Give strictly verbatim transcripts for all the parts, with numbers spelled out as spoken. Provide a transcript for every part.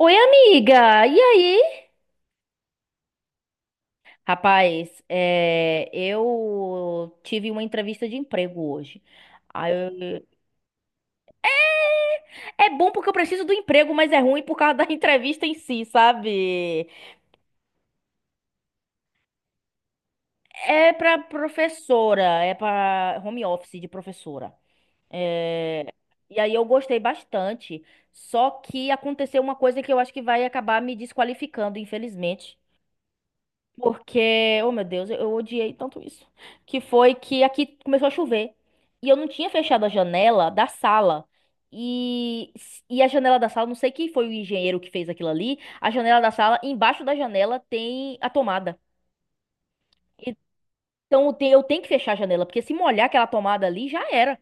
Oi, amiga! E aí? Rapaz, é, eu tive uma entrevista de emprego hoje. Aí eu- É é bom porque eu preciso do emprego, mas é ruim por causa da entrevista em si, sabe? É pra professora, é pra home office de professora. É. E aí eu gostei bastante. Só que aconteceu uma coisa que eu acho que vai acabar me desqualificando, infelizmente. Porque, oh meu Deus, eu eu odiei tanto isso. Que foi que aqui começou a chover. E eu não tinha fechado a janela da sala. E, e a janela da sala, não sei quem foi o engenheiro que fez aquilo ali. A janela da sala, embaixo da janela tem a tomada. Então eu tenho eu tenho que fechar a janela, porque se molhar aquela tomada ali, já era.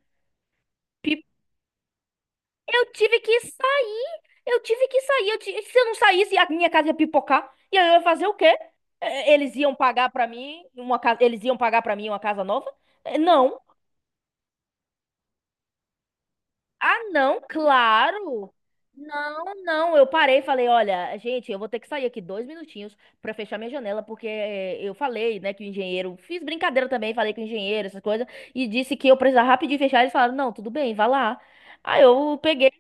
Eu tive que sair. Eu tive que sair. Eu ti- Se eu não saísse, a minha casa ia pipocar. E aí eu ia fazer o quê? Eh, Eles iam pagar pra mim uma casa, eles iam pagar para mim uma casa nova? Eh, Não. Ah, não, claro. Não, não. Eu parei e falei, olha, gente, eu vou ter que sair aqui dois minutinhos pra fechar minha janela, porque eh, eu falei, né, que o engenheiro, fiz brincadeira também, falei com o engenheiro, essas coisas, e disse que eu precisava rapidinho fechar. Eles falaram, não, tudo bem, vá lá. Aí eu peguei.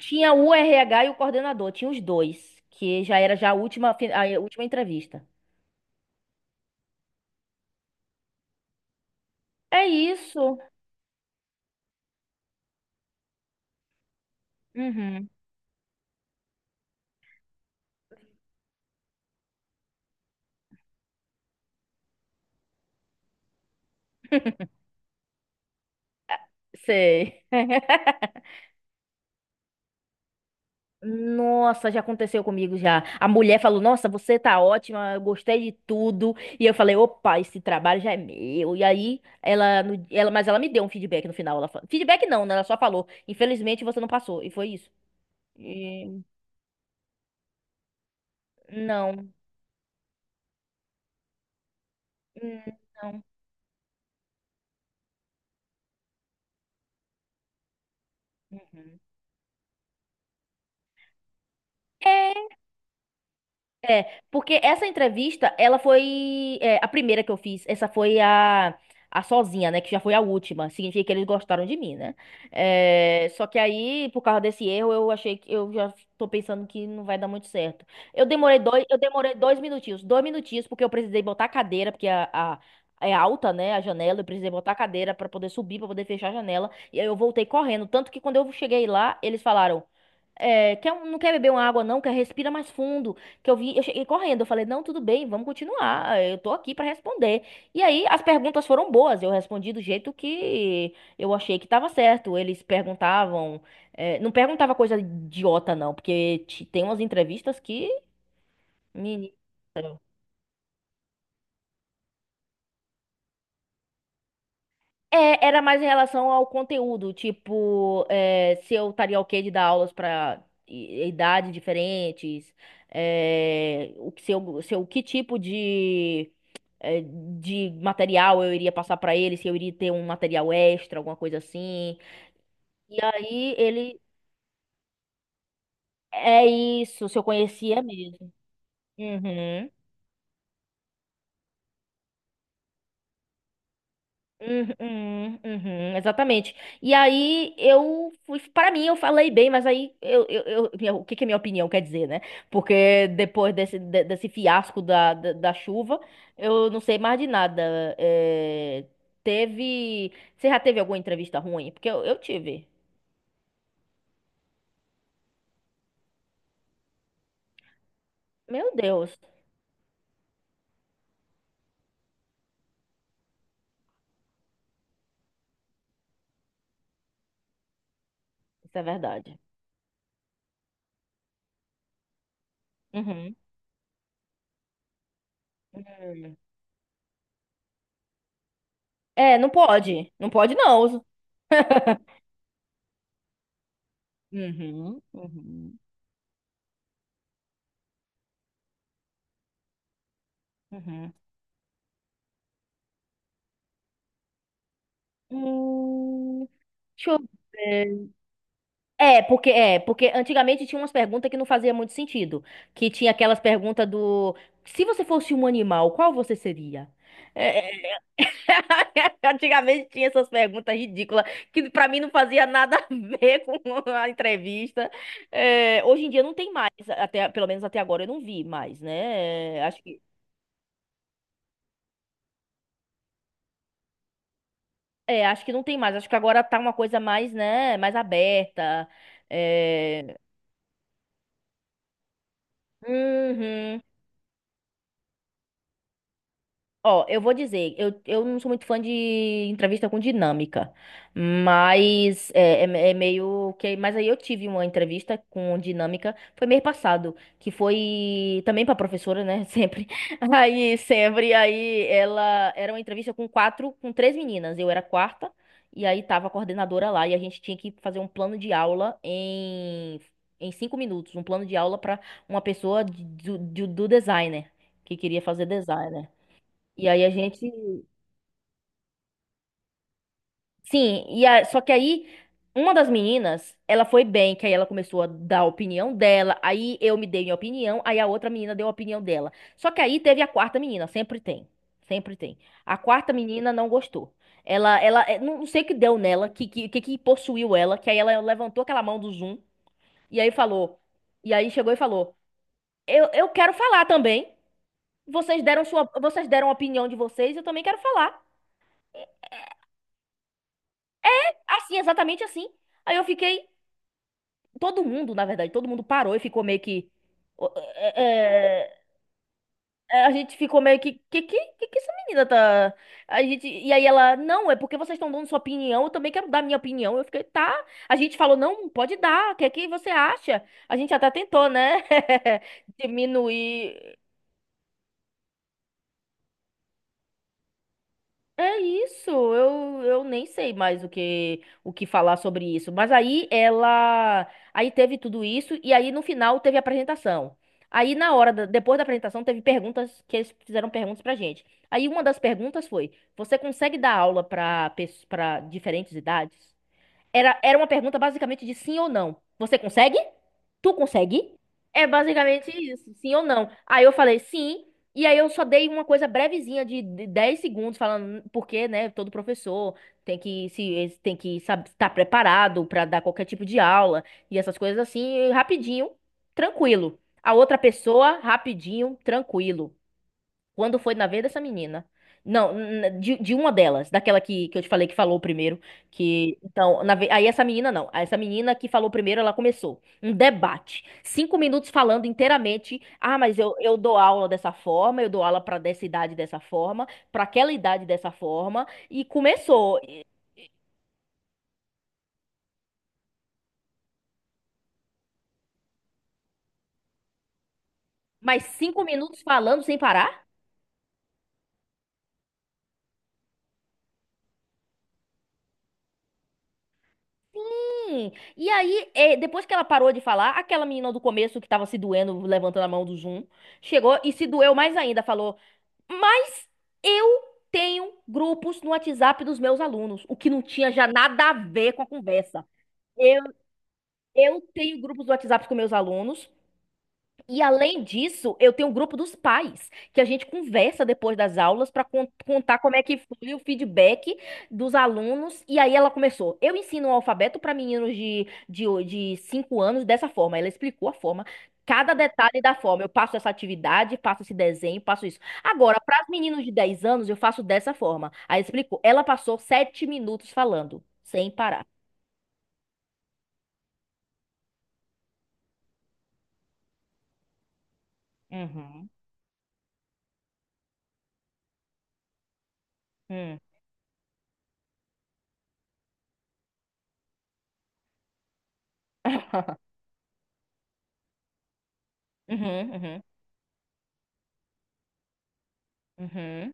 Tinha o R H e o coordenador, tinha os dois, que já era já a última, fi- a última entrevista. É isso. Uhum. Sei. Nossa, já aconteceu comigo já. A mulher falou: Nossa, você tá ótima, eu gostei de tudo. E eu falei: Opa, esse trabalho já é meu. E aí, ela, no- ela, mas ela me deu um feedback no final. Ela, fa- feedback não, né? Ela só falou: Infelizmente você não passou. E foi isso. E- Não. Hum. Não. Uhum. É, É, porque essa entrevista, ela foi é, a primeira que eu fiz. Essa foi a, a sozinha, né? Que já foi a última. Significa que eles gostaram de mim, né? É, só que aí, por causa desse erro, eu achei que eu já tô pensando que não vai dar muito certo. Eu demorei dois, eu demorei dois minutinhos, dois minutinhos, porque eu precisei botar a cadeira, porque a, a- é alta, né? A janela, eu precisei botar a cadeira pra poder subir, pra poder fechar a janela. E aí eu voltei correndo. Tanto que quando eu cheguei lá, eles falaram. É, quer, um- não quer beber uma água, não, quer respira mais fundo. Que eu vi, eu cheguei correndo, eu falei, não, tudo bem, vamos continuar. Eu tô aqui pra responder. E aí as perguntas foram boas, eu respondi do jeito que eu achei que tava certo. Eles perguntavam, é, não perguntava coisa idiota, não, porque te- tem umas entrevistas que. meni- É, era mais em relação ao conteúdo, tipo, é, se eu estaria ok de dar aulas pra i- idades diferentes, é, o que, se eu, se eu- que tipo de eh, de material eu iria passar pra ele, se eu iria ter um material extra, alguma coisa assim. E aí ele. É isso, se eu conhecia mesmo. Uhum. Uhum, uhum, exatamente. E aí eu fui, para mim eu falei bem, mas aí eu, eu, eu- minha- o que que a minha opinião quer dizer, né? Porque depois desse, de- desse fiasco da, da, da chuva, eu não sei mais de nada. É, teve, você já teve alguma entrevista ruim? Porque eu, eu tive. Meu Deus. Isso é verdade. Uhum. Hum. É, não pode. Não pode, não. Uhum. Uhum. Uhum. Hum, deixa eu ver. É, porque é, porque antigamente tinha umas perguntas que não fazia muito sentido, que tinha aquelas perguntas do se você fosse um animal, qual você seria? É, é, Antigamente tinha essas perguntas ridículas que pra mim não fazia nada a ver com a entrevista. É, hoje em dia não tem mais, até, pelo menos até agora eu não vi mais, né? É, Acho que, é, acho que não tem mais. Acho que agora tá uma coisa mais, né, mais aberta. É. Uhum. Ó, eu vou dizer, eu, eu não sou muito fã de entrevista com dinâmica, mas é, é, me- é meio que. Mas aí eu tive uma entrevista com dinâmica, foi mês passado, que foi também pra professora, né? Sempre. Aí, sempre. Aí ela era uma entrevista com quatro, com três meninas, eu era a quarta, e aí tava a coordenadora lá, e a gente tinha que fazer um plano de aula em, em cinco minutos, um plano de aula pra uma pessoa de- do, do do designer, que queria fazer designer. E aí a gente. Sim, e a- só que aí uma das meninas, ela foi bem, que aí ela começou a dar a opinião dela, aí eu me dei minha opinião, aí a outra menina deu a opinião dela. Só que aí teve a quarta menina, sempre tem. Sempre tem. A quarta menina não gostou. Ela, ela, eh, não não sei o que deu nela, que, que, que que possuiu ela, que aí ela levantou aquela mão do Zoom e aí falou. E aí chegou e falou: Eu, eu quero falar também. Vocês deram sua, vocês deram a opinião de vocês, eu também quero falar. Assim, exatamente assim. Aí eu fiquei. Todo mundo, na verdade, todo mundo parou e ficou meio que. é, é, é, a gente ficou meio que. Que, que, que que essa menina tá. A gente, e aí ela, não, é porque vocês estão dando sua opinião, eu também quero dar minha opinião. Eu fiquei, tá. A gente falou, não, pode dar, o que é que você acha? A gente até tentou, né? Diminuir. É isso, eu, eu nem sei mais o que o que falar sobre isso. Mas aí ela, aí teve tudo isso e aí no final teve a apresentação. Aí na hora da- depois da apresentação teve perguntas que eles fizeram perguntas pra gente. Aí uma das perguntas foi: você consegue dar aula para para diferentes idades? Era, era uma pergunta basicamente de sim ou não. Você consegue? Tu consegue? É basicamente isso, sim ou não. Aí eu falei sim, e aí eu só dei uma coisa brevezinha de de dez segundos falando porque, né, todo professor tem que se tem que saber estar preparado para dar qualquer tipo de aula e essas coisas assim, e rapidinho, tranquilo. A outra pessoa, rapidinho, tranquilo. Quando foi na vez dessa menina? Não, n- de, de uma delas, daquela que, que eu te falei que falou primeiro, que então, na ve- aí essa menina não, essa menina que falou primeiro, ela começou um debate, cinco minutos falando inteiramente, ah, mas eu, eu dou aula dessa forma, eu dou aula pra dessa idade dessa forma, pra aquela idade dessa forma, e começou, mas cinco minutos falando sem parar. Hum, E aí, eh, depois que ela parou de falar, aquela menina do começo que tava se doendo, levantando a mão do Zoom, chegou e se doeu mais ainda, falou: Mas eu tenho grupos no WhatsApp dos meus alunos, o que não tinha já nada a ver com a conversa. Eu, eu tenho grupos do WhatsApp com meus alunos e além disso, eu tenho um grupo dos pais, que a gente conversa depois das aulas para contar como é que foi o feedback dos alunos. E aí ela começou. Eu ensino o alfabeto para meninos de, de, o- de cinco anos dessa forma. Ela explicou a forma, cada detalhe da forma. Eu passo essa atividade, passo esse desenho, passo isso. Agora, para os meninos de dez anos, eu faço dessa forma. Aí explicou. Ela passou sete minutos falando, sem parar. Uhum. Hum. Uhum, uhum, uhum,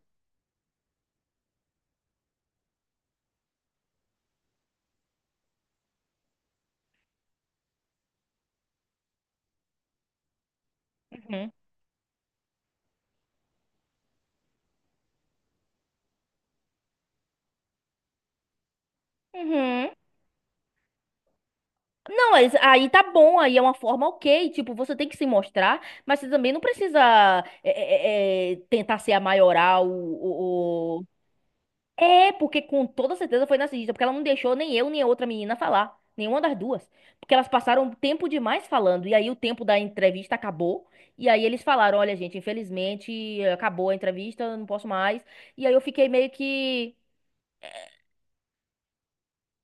uhum, uhum. Não, mas aí tá bom, aí é uma forma ok, tipo, você tem que se mostrar, mas você também não precisa é, é, é, tentar ser a maioral o ou- É, porque com toda certeza foi narcisista, porque ela não deixou nem eu nem a outra menina falar, nenhuma das duas. Porque elas passaram tempo demais falando, e aí o tempo da entrevista acabou, e aí eles falaram, olha, gente, infelizmente acabou a entrevista, não posso mais. E aí eu fiquei meio que.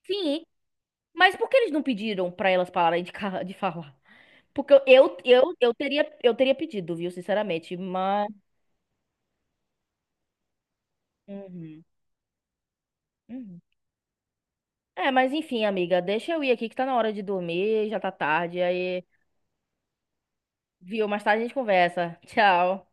Sim, mas por que eles não pediram pra elas pararem de, ca- de falar? Porque eu, eu, eu, eu teria, eu teria pedido, viu, sinceramente, mas. Uhum, uhum. É, mas enfim, amiga, deixa eu ir aqui que tá na hora de dormir, já tá tarde, aí, viu, mais tarde a gente conversa. Tchau.